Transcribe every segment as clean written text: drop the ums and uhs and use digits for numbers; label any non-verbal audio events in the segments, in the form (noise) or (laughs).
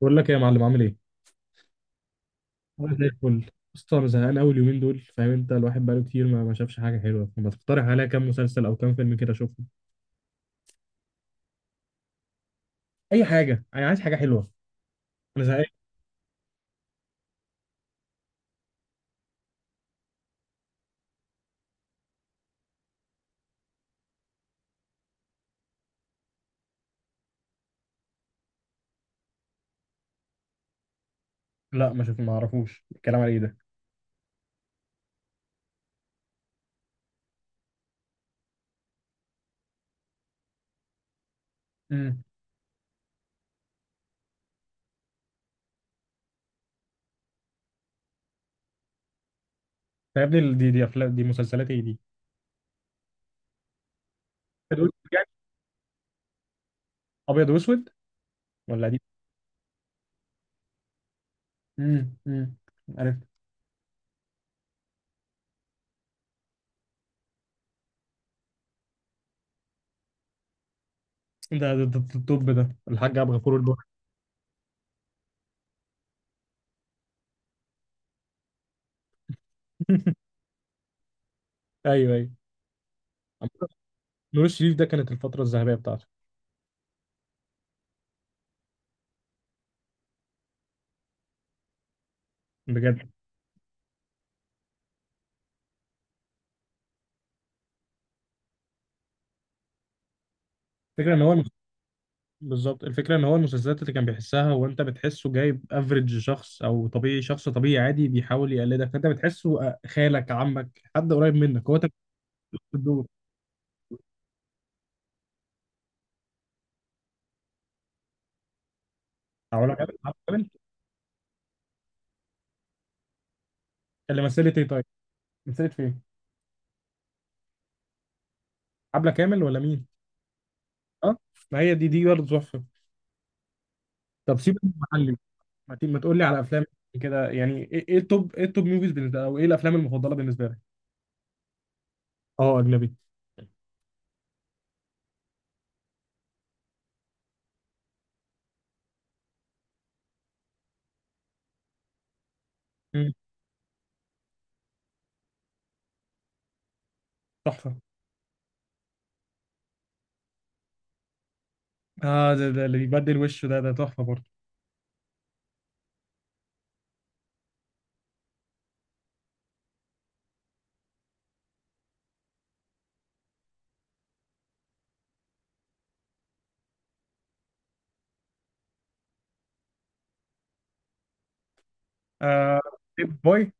بقول لك إيه يا معلم، عامل ايه؟ انا زي الفل. بص انا زهقان قوي اليومين دول، فاهم؟ انت الواحد بقاله كتير ما شافش حاجه حلوه، فما تقترح عليا كام مسلسل او كام فيلم كده اشوفهم. اي حاجه، انا عايز حاجه حلوه. انا زهقان. لا ما شوف، ما اعرفوش الكلام على ايه ده. امم. يا ابني، دي افلام، دي مسلسلات ايه دي؟ أبيض وأسود يعني؟ ابيض واسود ولا دي؟ امم. عرفت. ده الطب، ده الحاج عبد الغفور البرعي. (laughs) ايوه ايوه. عامة، نور الشريف ده كانت الفتره الذهبيه بتاعته. بجد. الفكره ان هو... بالظبط، الفكرة ان هو المسلسلات اللي كان بيحسها هو، انت بتحسه جايب افريج شخص او طبيعي، شخص طبيعي عادي بيحاول يقلدك، فانت بتحسه خالك، عمك، حد قريب منك، هو انت بتحس الدور. او لا، عبلة كامل. اللي مثلت ايه؟ طيب، مثلت فين؟ عبلة كامل ولا مين؟ اه. ما هي دي برضه تحفة. طب سيبك من المعلم. ما تقول لي على افلام كده، يعني ايه؟ إيه التوب ايه التوب موفيز بالنسبة لك، او ايه الافلام المفضلة بالنسبة لك؟ اه اجنبي. مم، تحفة. اه ده اللي بيبدل وشه، ده تحفة برضه. آه. بيب بوي.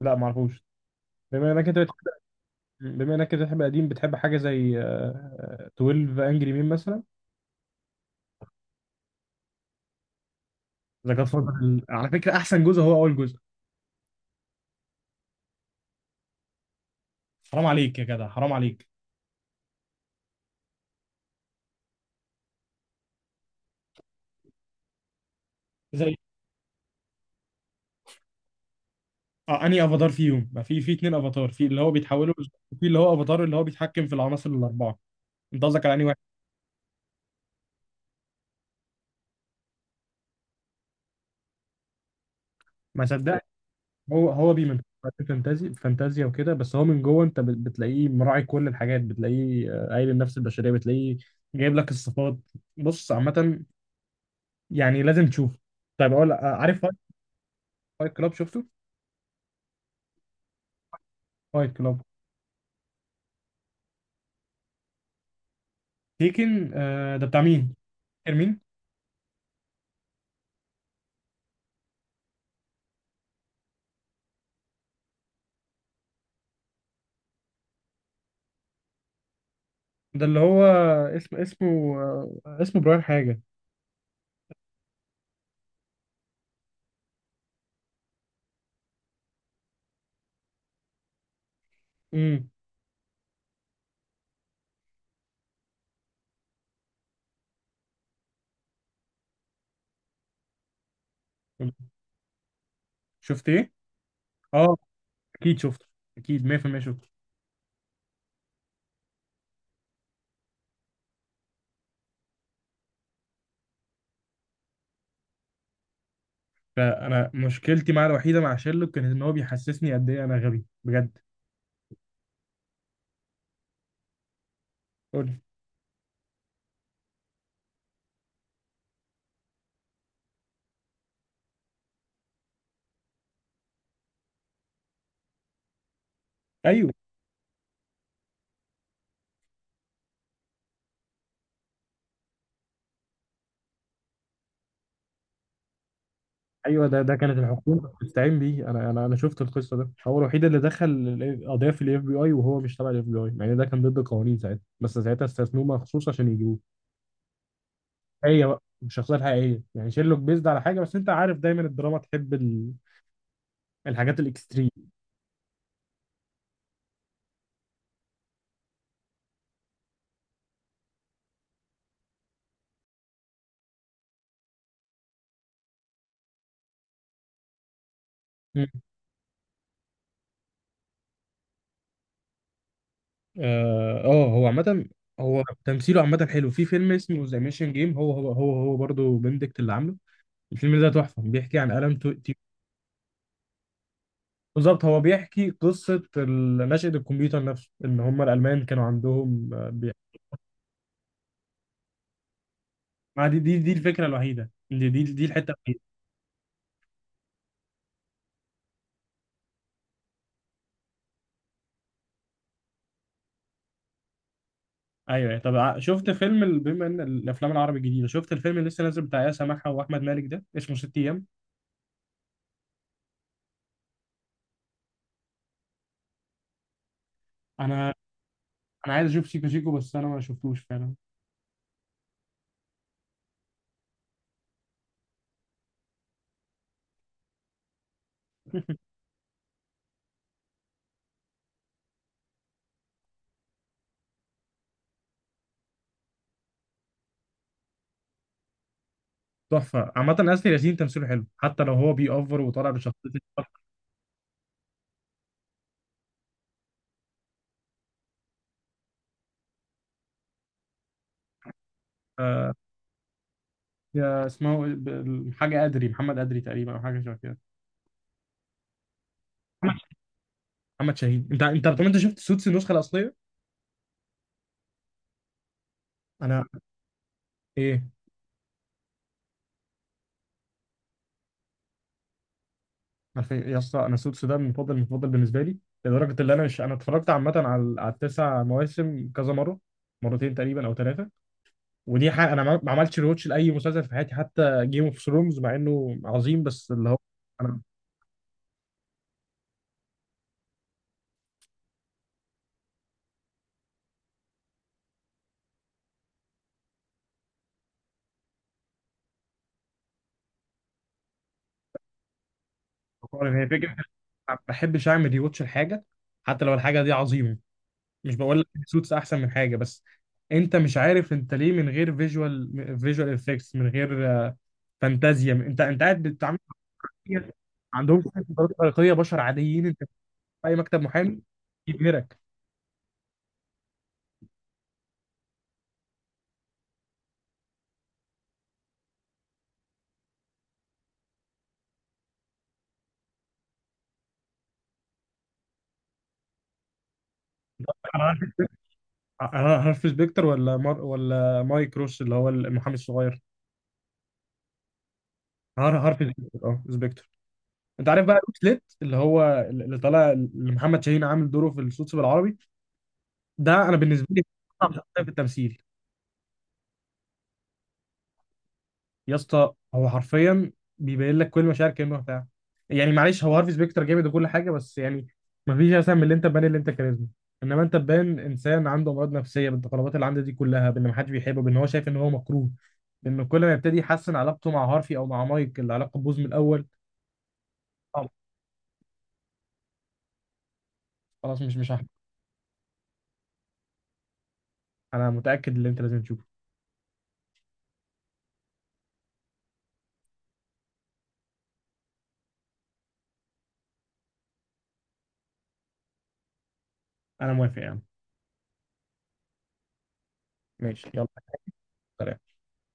لا معرفوش. بما انك انت بتحب بما انك انت بتحب قديم، بتحب حاجه زي 12 انجري مين مثلا. ذا جاد فاذر على فكره احسن جزء هو اول جزء. حرام عليك يا جدع، حرام عليك. زي... اه، انهي افاتار فيهم؟ ما في اتنين افاتار، في اللي هو بيتحولوا، وفي اللي هو افاتار اللي هو بيتحكم في العناصر الاربعه. انت قصدك على انهي واحد؟ ما صدقت. هو بيمن فانتازي فانتازيا وكده، بس هو من جوه انت بتلاقيه مراعي كل الحاجات، بتلاقيه قايل النفس البشريه، بتلاقيه جايب لك الصفات. بص عامه، يعني لازم تشوف. طيب، اقول عارف فايت كلاب؟ شفته؟ فايت كلاب. تيكن ده بتاع مين؟ فاكر مين؟ ده اللي هو... اسمه... آه، اسمه براين حاجه. امم. شفت ايه؟ اه، اكيد شفته، اكيد 100% شفته. فانا مشكلتي معاه الوحيده مع شيرلوك كانت ان هو بيحسسني قد ايه انا غبي بجد. قول لي. ايوه ايوه. ده كانت الحكومه بتستعين بيه. انا شفت القصه، ده هو الوحيد اللي دخل قضيه في الاف بي اي وهو مش تبع الاف بي اي، يعني ده كان ضد القوانين ساعتها، بس ساعتها استثنوه مخصوص عشان يجيبوه. هي بقى مش شخصية حقيقية، يعني شيرلوك بيزد على حاجة، بس انت عارف دايما الدراما تحب ال... الحاجات الاكستريم. مم. اه، هو عامة... هو تمثيله عامة حلو في فيلم اسمه ذا ميشن جيم، هو برضه بندكت اللي عامله. الفيلم ده تحفة، بيحكي عن ألم بالظبط، هو بيحكي قصة نشأة الكمبيوتر نفسه، ان هم الألمان كانوا عندهم ما دي الفكرة الوحيدة، دي الحتة الوحيدة. ايوه أيوة. طب شفت فيلم بما ان الافلام العربي الجديده، شفت الفيلم اللي لسه نازل بتاع ياسر محا واحمد مالك؟ ده اسمه ست ايام. انا انا عايز اشوف شيكو شيكو، بس انا ما شفتوش فعلا. (laughs) تحفه عامه، اسر ياسين تمثيله حلو حتى لو هو بيأفور وطالع بشخصيه. آه، يا اسمه إيه؟ حاجه ادري، محمد ادري تقريبا، او حاجه شبه كده. محمد محمد شاهين. انت انت طب انت شفت سوتس النسخه الاصليه؟ انا. ايه. عارف إيه؟ يا اسطى، انا سوتس ده المفضل المفضل بالنسبه لي. لدرجه ان انا مش انا اتفرجت عامه على التسع مواسم كذا مره، مرتين تقريبا او ثلاثه. ودي حاجه انا ما ما عملتش ريوتش لاي مسلسل في حياتي، حتى جيم اوف ثرونز مع انه عظيم، بس اللي هو... انا عارف. هي فكرة. ما بحبش أعمل ريوتش الحاجة، حتى لو الحاجة دي عظيمة. مش بقول لك سوتس أحسن من حاجة، بس أنت مش عارف أنت ليه، من غير فيجوال إفكتس، من غير فانتازيا. أنت قاعد بتتعامل مع بشر عندهم قدرات خارقية، بشر عاديين أنت في أي مكتب محامي يبهرك. أنا عارف. أنا هارفي سبيكتر ولا مار ولا مايك روس اللي هو المحامي الصغير. هارفي سبيكتر، سبيكتر. أنت عارف بقى روس ليت اللي هو... اللي طالع اللي محمد شاهين عامل دوره في السوتس بالعربي، ده انا بالنسبه لي اصعب شخصيه في التمثيل. يا اسطى، هو حرفيا بيبين لك كل مشاعر كانه بتاع. يعني معلش، هو هارفي سبيكتر جامد وكل حاجه، بس يعني ما فيش احسن من اللي انت تبان اللي انت كاريزما. انما انت تبان انسان عنده امراض نفسيه، بالتقلبات اللي عنده دي كلها، بان ما حدش بيحبه، بان هو شايف ان هو مكروه، بان كل ما يبتدي يحسن علاقته مع هارفي او مع مايك العلاقه تبوظ من الاول. خلاص خلاص، مش هحكي. انا متاكد ان انت لازم تشوفه. انا موافق يعني. ماشي يلا. سلام.